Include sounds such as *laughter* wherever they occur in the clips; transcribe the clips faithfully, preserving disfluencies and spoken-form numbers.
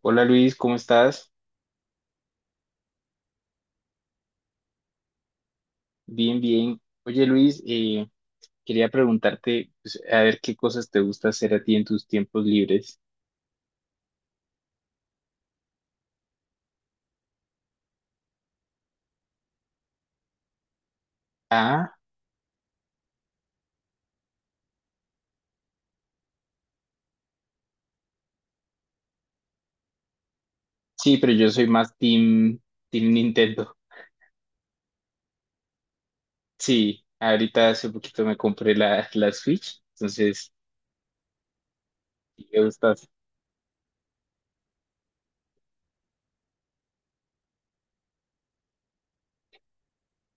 Hola Luis, ¿cómo estás? Bien, bien. Oye Luis, eh, quería preguntarte, pues, a ver qué cosas te gusta hacer a ti en tus tiempos libres. Ah, sí, pero yo soy más team, team Nintendo. Sí, ahorita hace poquito me compré la, la Switch, entonces, ¿qué te gusta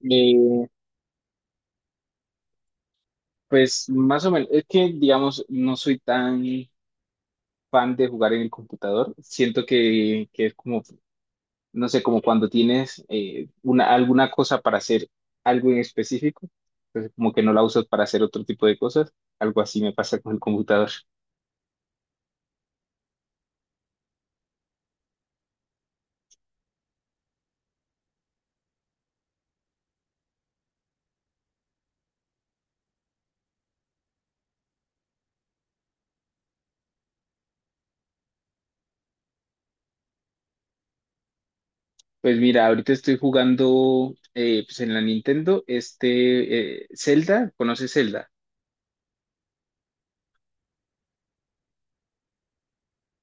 Eh, pues más o menos, es que digamos, no soy tan fan de jugar en el computador. Siento que, que es como no sé, como cuando tienes eh, una, alguna cosa para hacer algo en específico, entonces como que no la usas para hacer otro tipo de cosas, algo así me pasa con el computador. Pues mira, ahorita estoy jugando eh, pues en la Nintendo, este eh, Zelda, ¿conoces Zelda?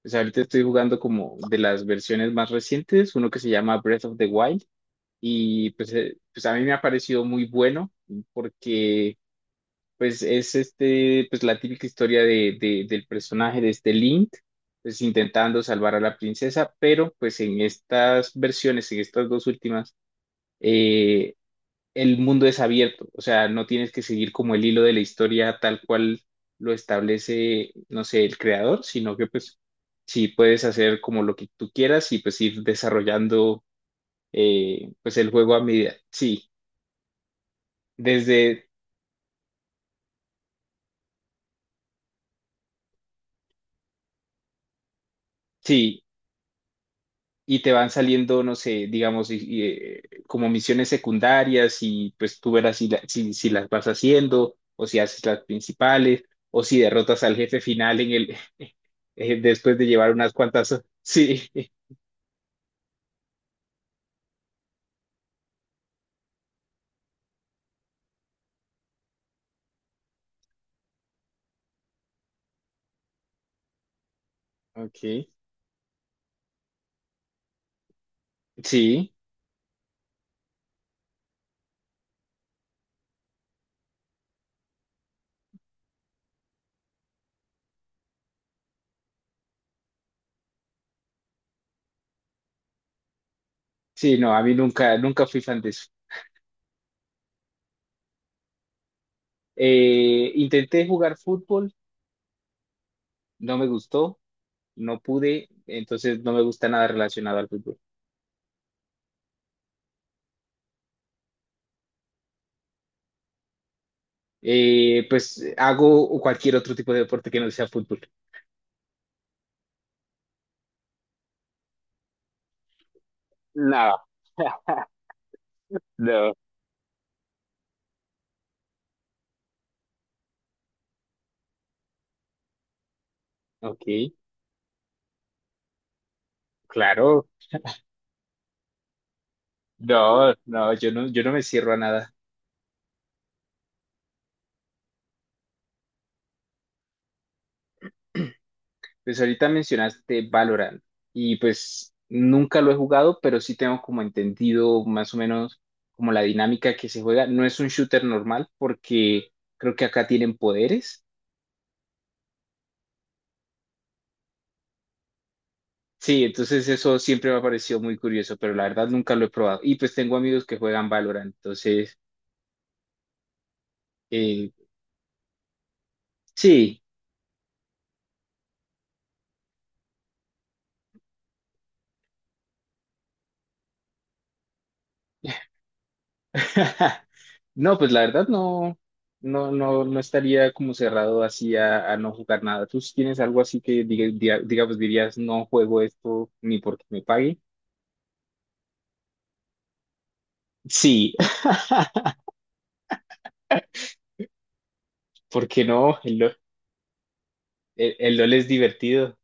Pues ahorita estoy jugando como de las versiones más recientes, uno que se llama Breath of the Wild, y pues, eh, pues a mí me ha parecido muy bueno porque pues es este, pues la típica historia de, de- del personaje de este Link, pues intentando salvar a la princesa, pero pues en estas versiones, en estas dos últimas, eh, el mundo es abierto, o sea, no tienes que seguir como el hilo de la historia tal cual lo establece, no sé, el creador, sino que pues sí puedes hacer como lo que tú quieras y pues ir desarrollando eh, pues el juego a medida, sí, desde... Sí, y te van saliendo, no sé, digamos, y- y, eh, como misiones secundarias y pues tú verás si, la- si, si las vas haciendo o si haces las principales o si derrotas al jefe final en el *laughs* eh, después de llevar unas cuantas. ho- *laughs* Sí, Ok. Sí, sí, no, a mí nunca, nunca fui fan de eso. Eh, intenté jugar fútbol, no me gustó, no pude, entonces no me gusta nada relacionado al fútbol. Eh, pues hago cualquier otro tipo de deporte que no sea fútbol. Nada. No, ok, claro. No, no, yo no, yo no me cierro a nada. Pues ahorita mencionaste Valorant y pues nunca lo he jugado, pero sí tengo como entendido más o menos como la dinámica que se juega. No es un shooter normal porque creo que acá tienen poderes. Sí, entonces eso siempre me ha parecido muy curioso, pero la verdad nunca lo he probado. Y pues tengo amigos que juegan Valorant, entonces eh, sí. *laughs* No, pues la verdad no, no, no, no estaría como cerrado así a, a no jugar nada. ¿Tú sí tienes algo así que diga- diga- digamos dirías no juego esto ni porque me pague? Sí. *laughs* Porque no, el LOL, el, el LOL es divertido.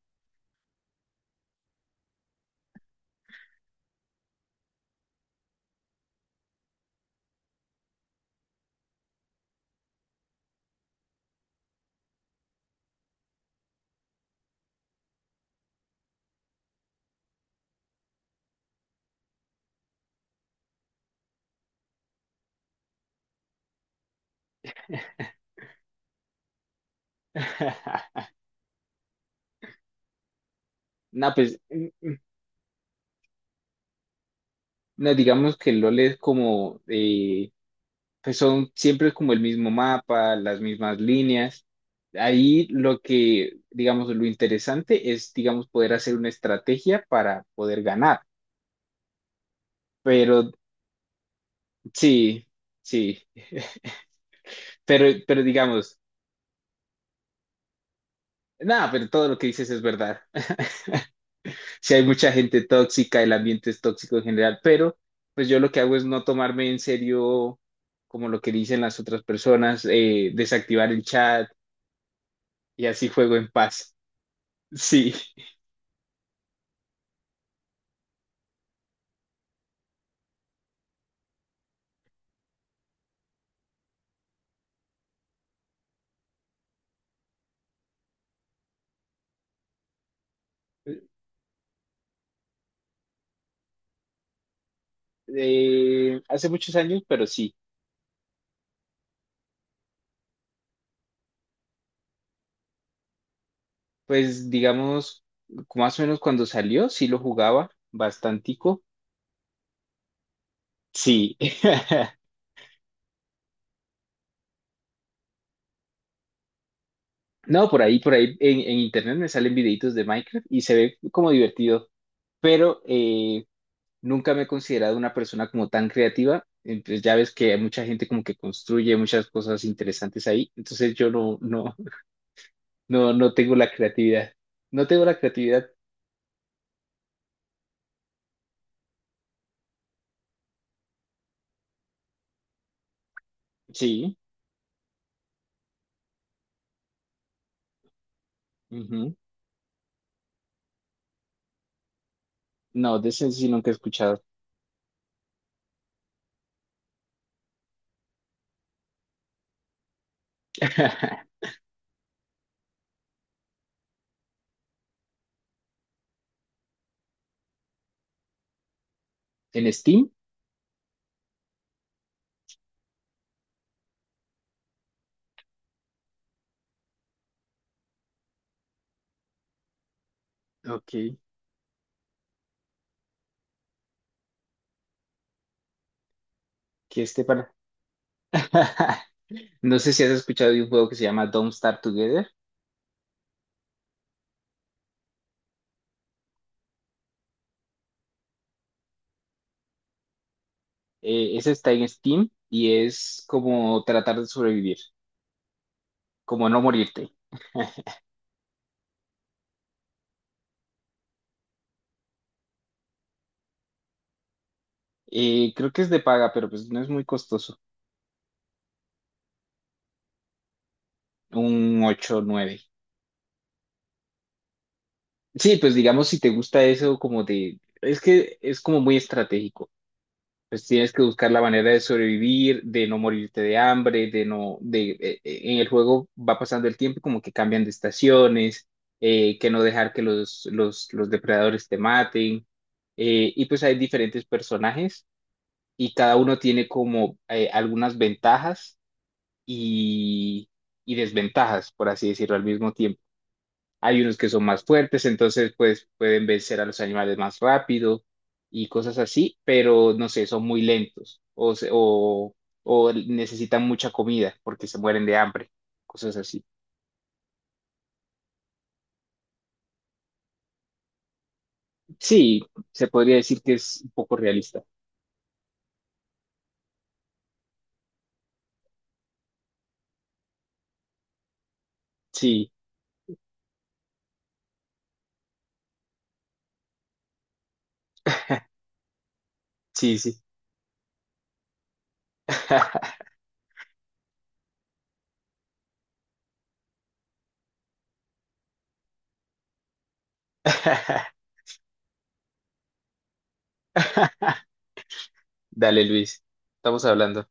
*laughs* No, pues mm, mm, no, digamos que el LOL es como, eh, pues son siempre como el mismo mapa, las mismas líneas. Ahí lo que, digamos, lo interesante es, digamos, poder hacer una estrategia para poder ganar. Pero sí, sí, pero, pero digamos, nada, pero todo lo que dices es verdad. *laughs* Si hay mucha gente tóxica, el ambiente es tóxico en general, pero pues yo lo que hago es no tomarme en serio como lo que dicen las otras personas, eh, desactivar el chat y así juego en paz. *laughs* Sí, Eh, hace muchos años, pero sí, pues digamos, más o menos cuando salió, sí lo jugaba bastantico. Sí. *laughs* No, por ahí, por ahí en, en internet me salen videitos de Minecraft y se ve como divertido, pero eh, nunca me he considerado una persona como tan creativa. Entonces ya ves que hay mucha gente como que construye muchas cosas interesantes ahí. Entonces yo no, no, no, no tengo la creatividad. No tengo la creatividad. Sí. Ujú. No, de ese sí nunca he escuchado. *laughs* ¿En Steam? Ok. Que este para. *laughs* No sé si has escuchado de un juego que se llama Don't Starve Together. Eh, ese está en Steam y es como tratar de sobrevivir, como no morirte. *laughs* Eh, creo que es de paga, pero pues no es muy costoso. Un ocho o nueve. Sí, pues digamos si te gusta eso como de... Es que es como muy estratégico. Pues tienes que buscar la manera de sobrevivir, de no morirte de hambre, de no... De, eh, eh, en el juego va pasando el tiempo y como que cambian de estaciones, eh, que no dejar que los, los, los depredadores te maten. Eh, y pues hay diferentes personajes y cada uno tiene como eh, algunas ventajas y, y desventajas, por así decirlo, al mismo tiempo. Hay unos que son más fuertes, entonces pues pueden vencer a los animales más rápido y cosas así, pero no sé, son muy lentos o, se- o, o necesitan mucha comida porque se mueren de hambre, cosas así. Sí, se podría decir que es un poco realista. Sí, sí, sí. *laughs* Dale, Luis, estamos hablando.